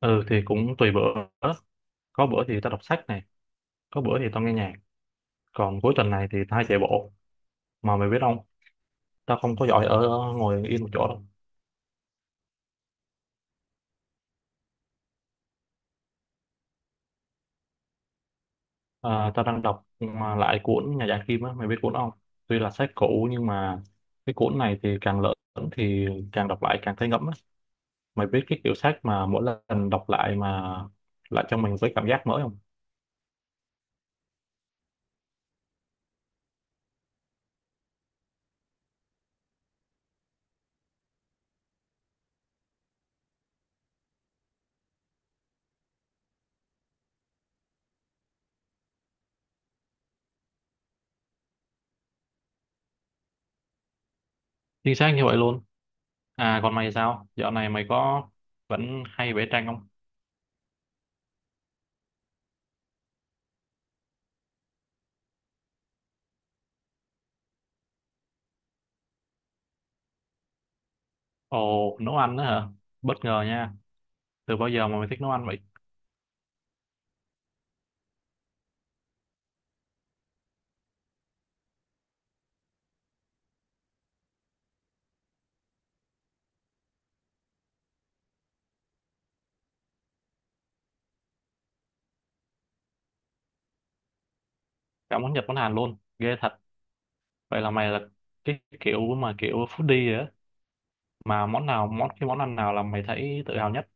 Ừ thì cũng tùy bữa. Có bữa thì tao đọc sách này, có bữa thì tao nghe nhạc, còn cuối tuần này thì tao hay chạy bộ. Mà mày biết không, tao không có giỏi ở ngồi yên một chỗ đâu. Tao đang đọc mà lại cuốn Nhà Giả Kim á, mày biết cuốn không? Tuy là sách cũ nhưng mà cái cuốn này thì càng lớn thì càng đọc lại càng thấy ngẫm á. Mày biết cái kiểu sách mà mỗi lần đọc lại mà lại cho mình với cảm giác mới không? Chính xác như vậy luôn. Còn mày sao, dạo này mày có vẫn hay vẽ tranh không? Ồ, nấu ăn đó hả? Bất ngờ nha. Từ bao giờ mà mày thích nấu ăn vậy? Cả món Nhật món Hàn luôn. Ghê thật. Vậy là mày là cái kiểu mà kiểu foodie rồi á. Mà món nào, cái món ăn nào là mày thấy tự hào nhất?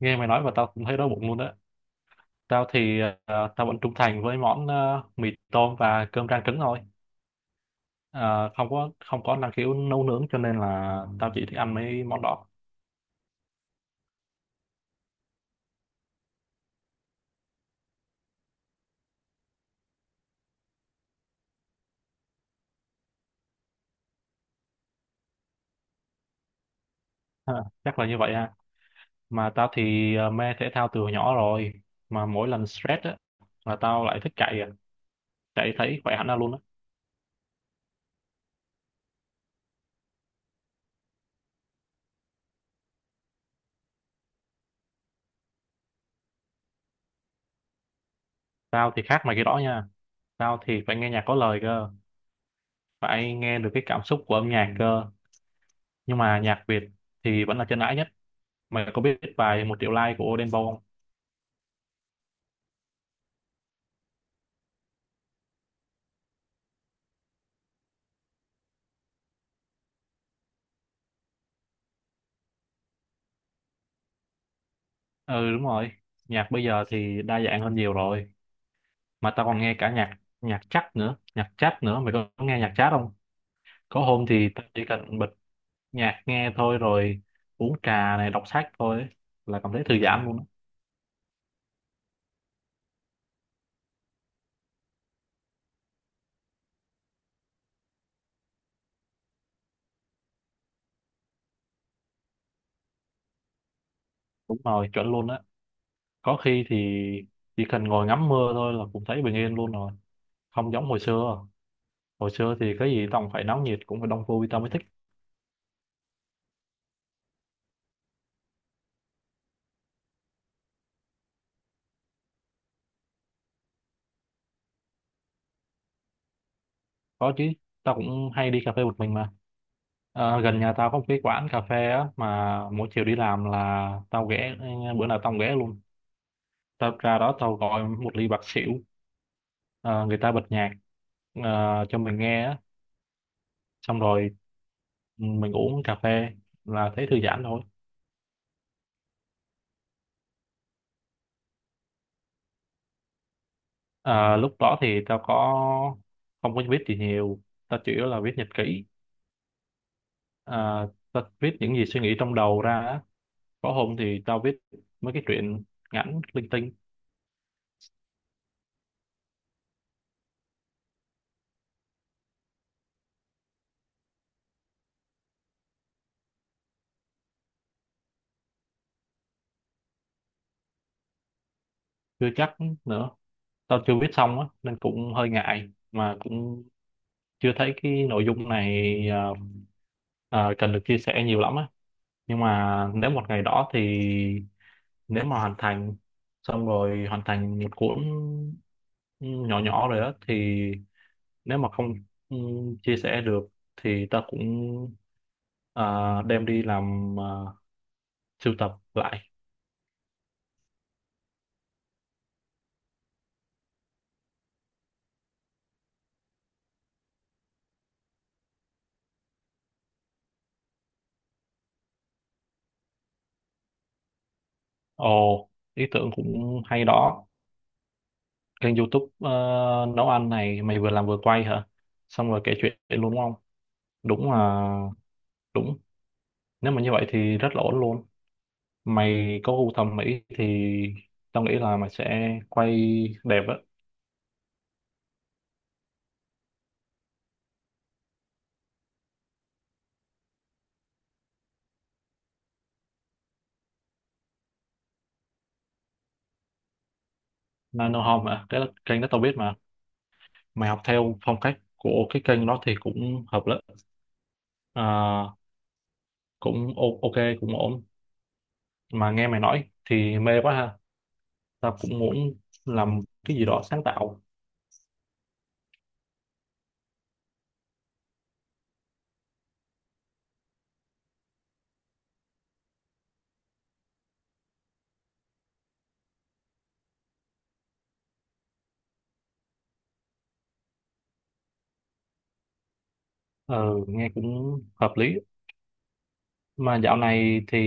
Nghe mày nói và tao cũng thấy đói bụng luôn đó. Tao thì tao vẫn trung thành với món mì tôm và cơm rang trứng thôi. Ờ, không có năng khiếu nấu nướng cho nên là tao chỉ thích ăn mấy món đó. Ha, Chắc là như vậy ha. Mà tao thì mê thể thao từ hồi nhỏ rồi. Mà mỗi lần stress á là tao lại thích chạy à. Đấy, thấy khỏe hẳn ra luôn á. Tao thì khác mày cái đó nha. Tao thì phải nghe nhạc có lời cơ. Phải nghe được cái cảm xúc của âm nhạc cơ. Nhưng mà nhạc Việt thì vẫn là chân ái nhất. Mày có biết bài Một Triệu Like của Đen Vâu không? Ừ, đúng rồi. Nhạc bây giờ thì đa dạng hơn nhiều rồi. Mà tao còn nghe cả nhạc nhạc chắc nữa. Nhạc chat nữa. Mày có nghe nhạc chat không? Có hôm thì tao chỉ cần bật nhạc nghe thôi, rồi uống trà này, đọc sách thôi ấy, là cảm thấy thư giãn luôn á. Đúng rồi, chuẩn luôn á. Có khi thì chỉ cần ngồi ngắm mưa thôi là cũng thấy bình yên luôn rồi. Không giống Hồi xưa thì cái gì tao cũng phải náo nhiệt, cũng phải đông vui tao mới thích. Có chứ, tao cũng hay đi cà phê một mình mà. Ờ, gần nhà tao có một cái quán cà phê á, mà mỗi chiều đi làm là tao ghé. Bữa nào tao cũng ghé luôn. Tao ra đó, tao gọi một ly bạc xỉu. Ờ, người ta bật nhạc cho mình nghe á, xong rồi mình uống cà phê là thấy thư giãn thôi. Ờ, lúc đó thì tao có không có biết gì nhiều. Tao chủ yếu là viết nhật ký. Ờ, tao viết những gì suy nghĩ trong đầu ra á. Có hôm thì tao viết mấy cái chuyện ngắn linh tinh. Chưa chắc nữa, tao chưa viết xong á nên cũng hơi ngại, mà cũng chưa thấy cái nội dung này cần được chia sẻ nhiều lắm á. Nhưng mà nếu một ngày đó thì, nếu mà hoàn thành một cuốn nhỏ nhỏ rồi á, thì nếu mà không chia sẻ được thì ta cũng à, đem đi làm, sưu tập lại. Ồ, ý tưởng cũng hay đó. Kênh YouTube nấu ăn này, mày vừa làm vừa quay hả, xong rồi kể chuyện luôn đúng không? Đúng là đúng Nếu mà như vậy thì rất là ổn luôn. Mày có gu thẩm mỹ thì tao nghĩ là mày sẽ quay đẹp á. Nano Home à, cái kênh đó tao biết mà. Mày học theo phong cách của cái kênh đó thì cũng hợp lắm. à, Cũng ok, cũng ổn. Mà nghe mày nói thì mê quá ha. Tao cũng muốn làm cái gì đó sáng tạo. Ờ, nghe cũng hợp lý. Mà dạo này thì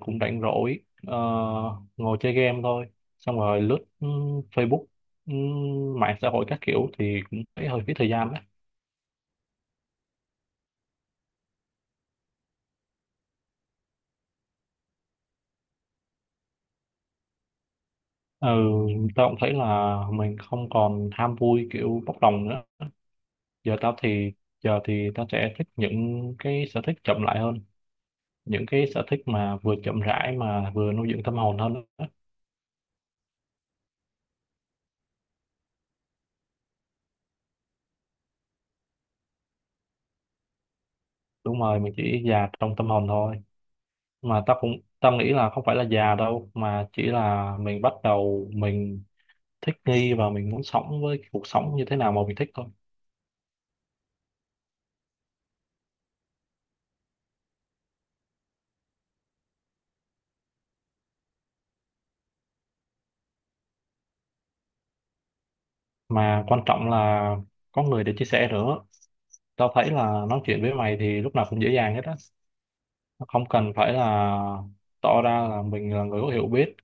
cũng rảnh rỗi, ờ, ngồi chơi game thôi, xong rồi lướt Facebook, ừ, mạng xã hội các kiểu thì cũng thấy hơi phí thời gian đấy. Ừ, tao cũng thấy là mình không còn ham vui kiểu bốc đồng nữa. giờ tao thì Giờ thì tao sẽ thích những cái sở thích chậm lại hơn, những cái sở thích mà vừa chậm rãi mà vừa nuôi dưỡng tâm hồn hơn. Đúng rồi, mình chỉ già trong tâm hồn thôi. Mà tao cũng, tao nghĩ là không phải là già đâu, mà chỉ là mình bắt đầu mình thích nghi và mình muốn sống với cái cuộc sống như thế nào mà mình thích thôi. Mà quan trọng là có người để chia sẻ nữa. Tao thấy là nói chuyện với mày thì lúc nào cũng dễ dàng hết á. Không cần phải là tỏ ra là mình là người có hiểu biết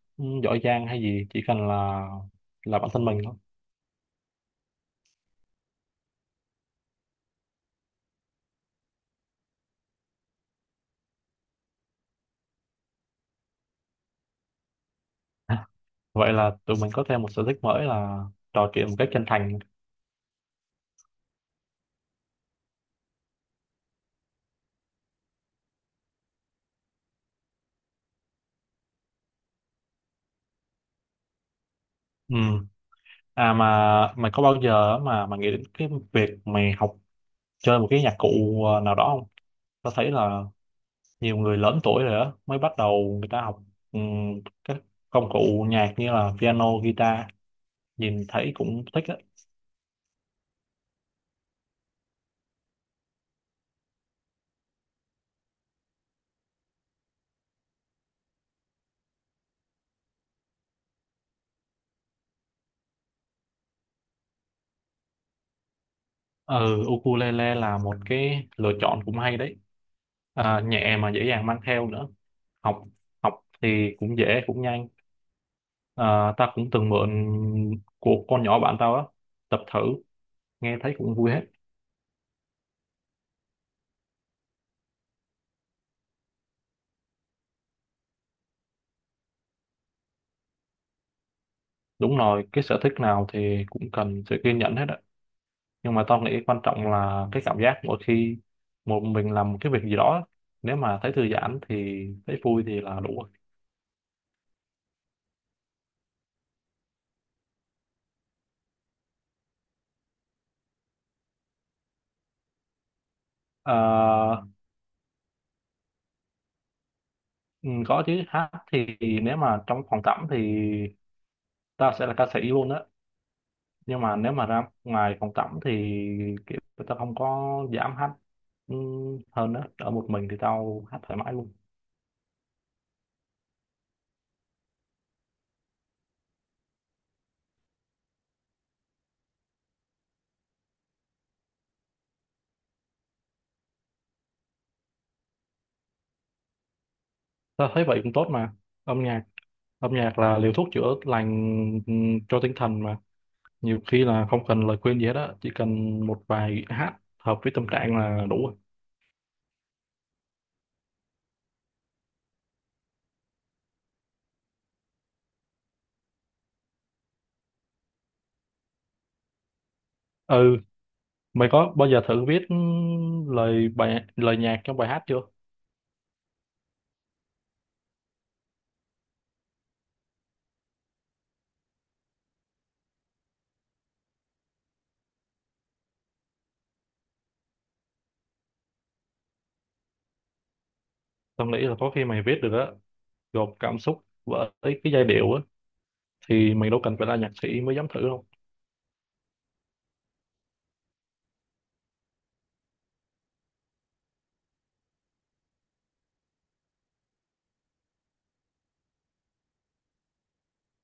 giỏi giang hay gì, chỉ cần là bản thân mình thôi. Vậy là tụi mình có thêm một sở thích mới là trò chuyện một cách chân thành. Ừ. À mà mày có bao giờ mà mày nghĩ đến cái việc mày học chơi một cái nhạc cụ nào đó không? Tao thấy là nhiều người lớn tuổi rồi đó mới bắt đầu người ta học các công cụ nhạc như là piano, guitar. Nhìn thấy cũng thích á. Ừ, ukulele là một cái lựa chọn cũng hay đấy. À, nhẹ mà dễ dàng mang theo nữa. Học Học thì cũng dễ cũng nhanh. À, ta cũng từng mượn của con nhỏ bạn tao á, tập thử nghe thấy cũng vui hết. Đúng rồi, cái sở thích nào thì cũng cần sự kiên nhẫn hết á. Nhưng mà tao nghĩ quan trọng là cái cảm giác mỗi khi một mình làm một cái việc gì đó á, nếu mà thấy thư giãn thì thấy vui thì là đủ rồi. à, ừ, có chứ, hát thì nếu mà trong phòng tắm thì tao sẽ là ca sĩ luôn á. Nhưng mà nếu mà ra ngoài phòng tắm thì kiểu tao không có dám hát ừ, hơn á. Ở một mình thì tao hát thoải mái luôn. Ta thấy vậy cũng tốt mà. âm nhạc Âm nhạc là liều thuốc chữa lành cho tinh thần mà. Nhiều khi là không cần lời khuyên gì hết á, chỉ cần một vài hát hợp với tâm trạng là đủ rồi. Ừ, mày có bao giờ thử viết lời nhạc trong bài hát chưa? Tao nghĩ là có khi mày viết được á. Gộp cảm xúc với cái giai điệu á thì mày đâu cần phải là nhạc sĩ mới dám thử đâu.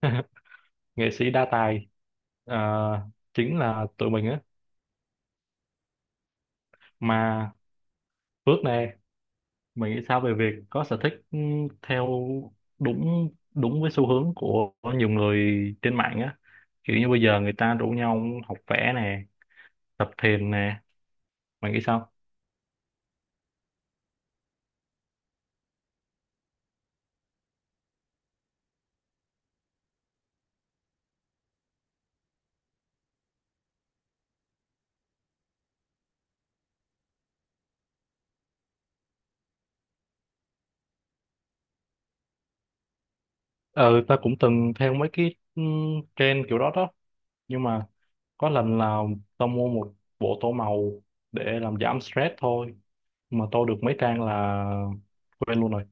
nghệ sĩ đa tài, à, chính là tụi mình á. Mà Phước nè, mình nghĩ sao về việc có sở thích theo đúng đúng với xu hướng của nhiều người trên mạng á? Kiểu như bây giờ người ta rủ nhau học vẽ nè, tập thiền nè. Mày nghĩ sao? Ờ, ta cũng từng theo mấy cái trend kiểu đó đó. Nhưng mà có lần là tao mua một bộ tô màu để làm giảm stress thôi. Mà tô được mấy trang là quên luôn rồi.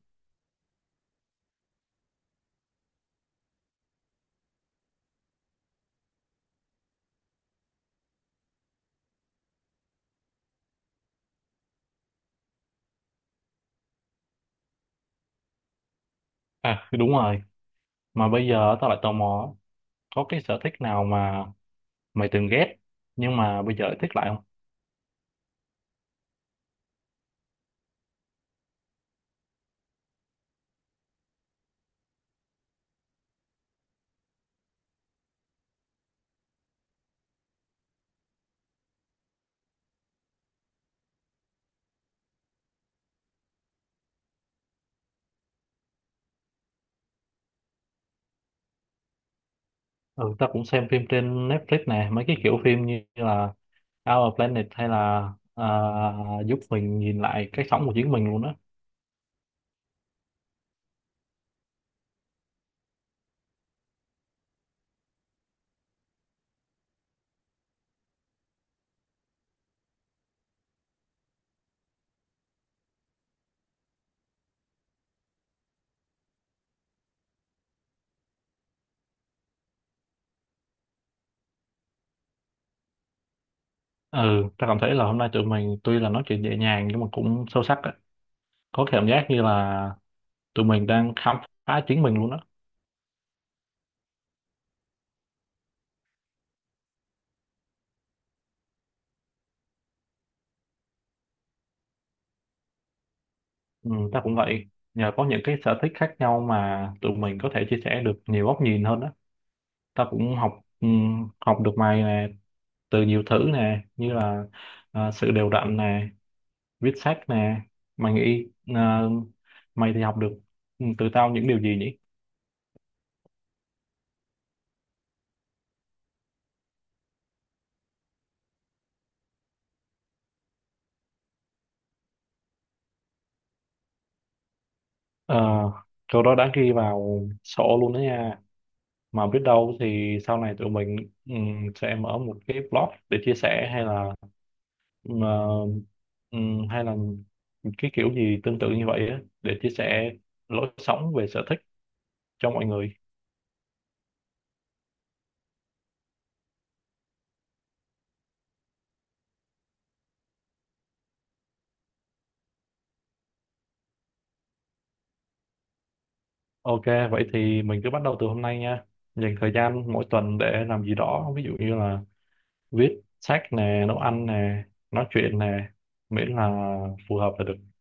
À, đúng rồi. Mà bây giờ tao lại tò mò, có cái sở thích nào mà mày từng ghét nhưng mà bây giờ lại thích lại không? Ừ, ta cũng xem phim trên Netflix nè, mấy cái kiểu phim như là Our Planet hay là à, giúp mình nhìn lại cái sống của chính mình luôn á. Ừ, ta cảm thấy là hôm nay tụi mình tuy là nói chuyện nhẹ nhàng nhưng mà cũng sâu sắc á. Có cảm giác như là tụi mình đang khám phá chính mình luôn á. Ừ, ta cũng vậy. Nhờ có những cái sở thích khác nhau mà tụi mình có thể chia sẻ được nhiều góc nhìn hơn á. Ta cũng học, ừ, học được mày nè, từ nhiều thứ nè, như là sự đều đặn nè, viết sách nè. Mày nghĩ ờ, mày thì học được từ tao những điều gì nhỉ? Ờ, câu đó đã ghi vào sổ luôn đó nha. Mà biết đâu thì sau này tụi mình sẽ mở một cái blog để chia sẻ, hay là ừ, ờ, hay là cái kiểu gì tương tự như vậy á, để chia sẻ lối sống về sở thích cho mọi người. Ok, vậy thì mình cứ bắt đầu từ hôm nay nha. Dành thời gian mỗi tuần để làm gì đó, ví dụ như là viết sách nè, nấu ăn nè, nói chuyện nè, miễn là phù hợp là được.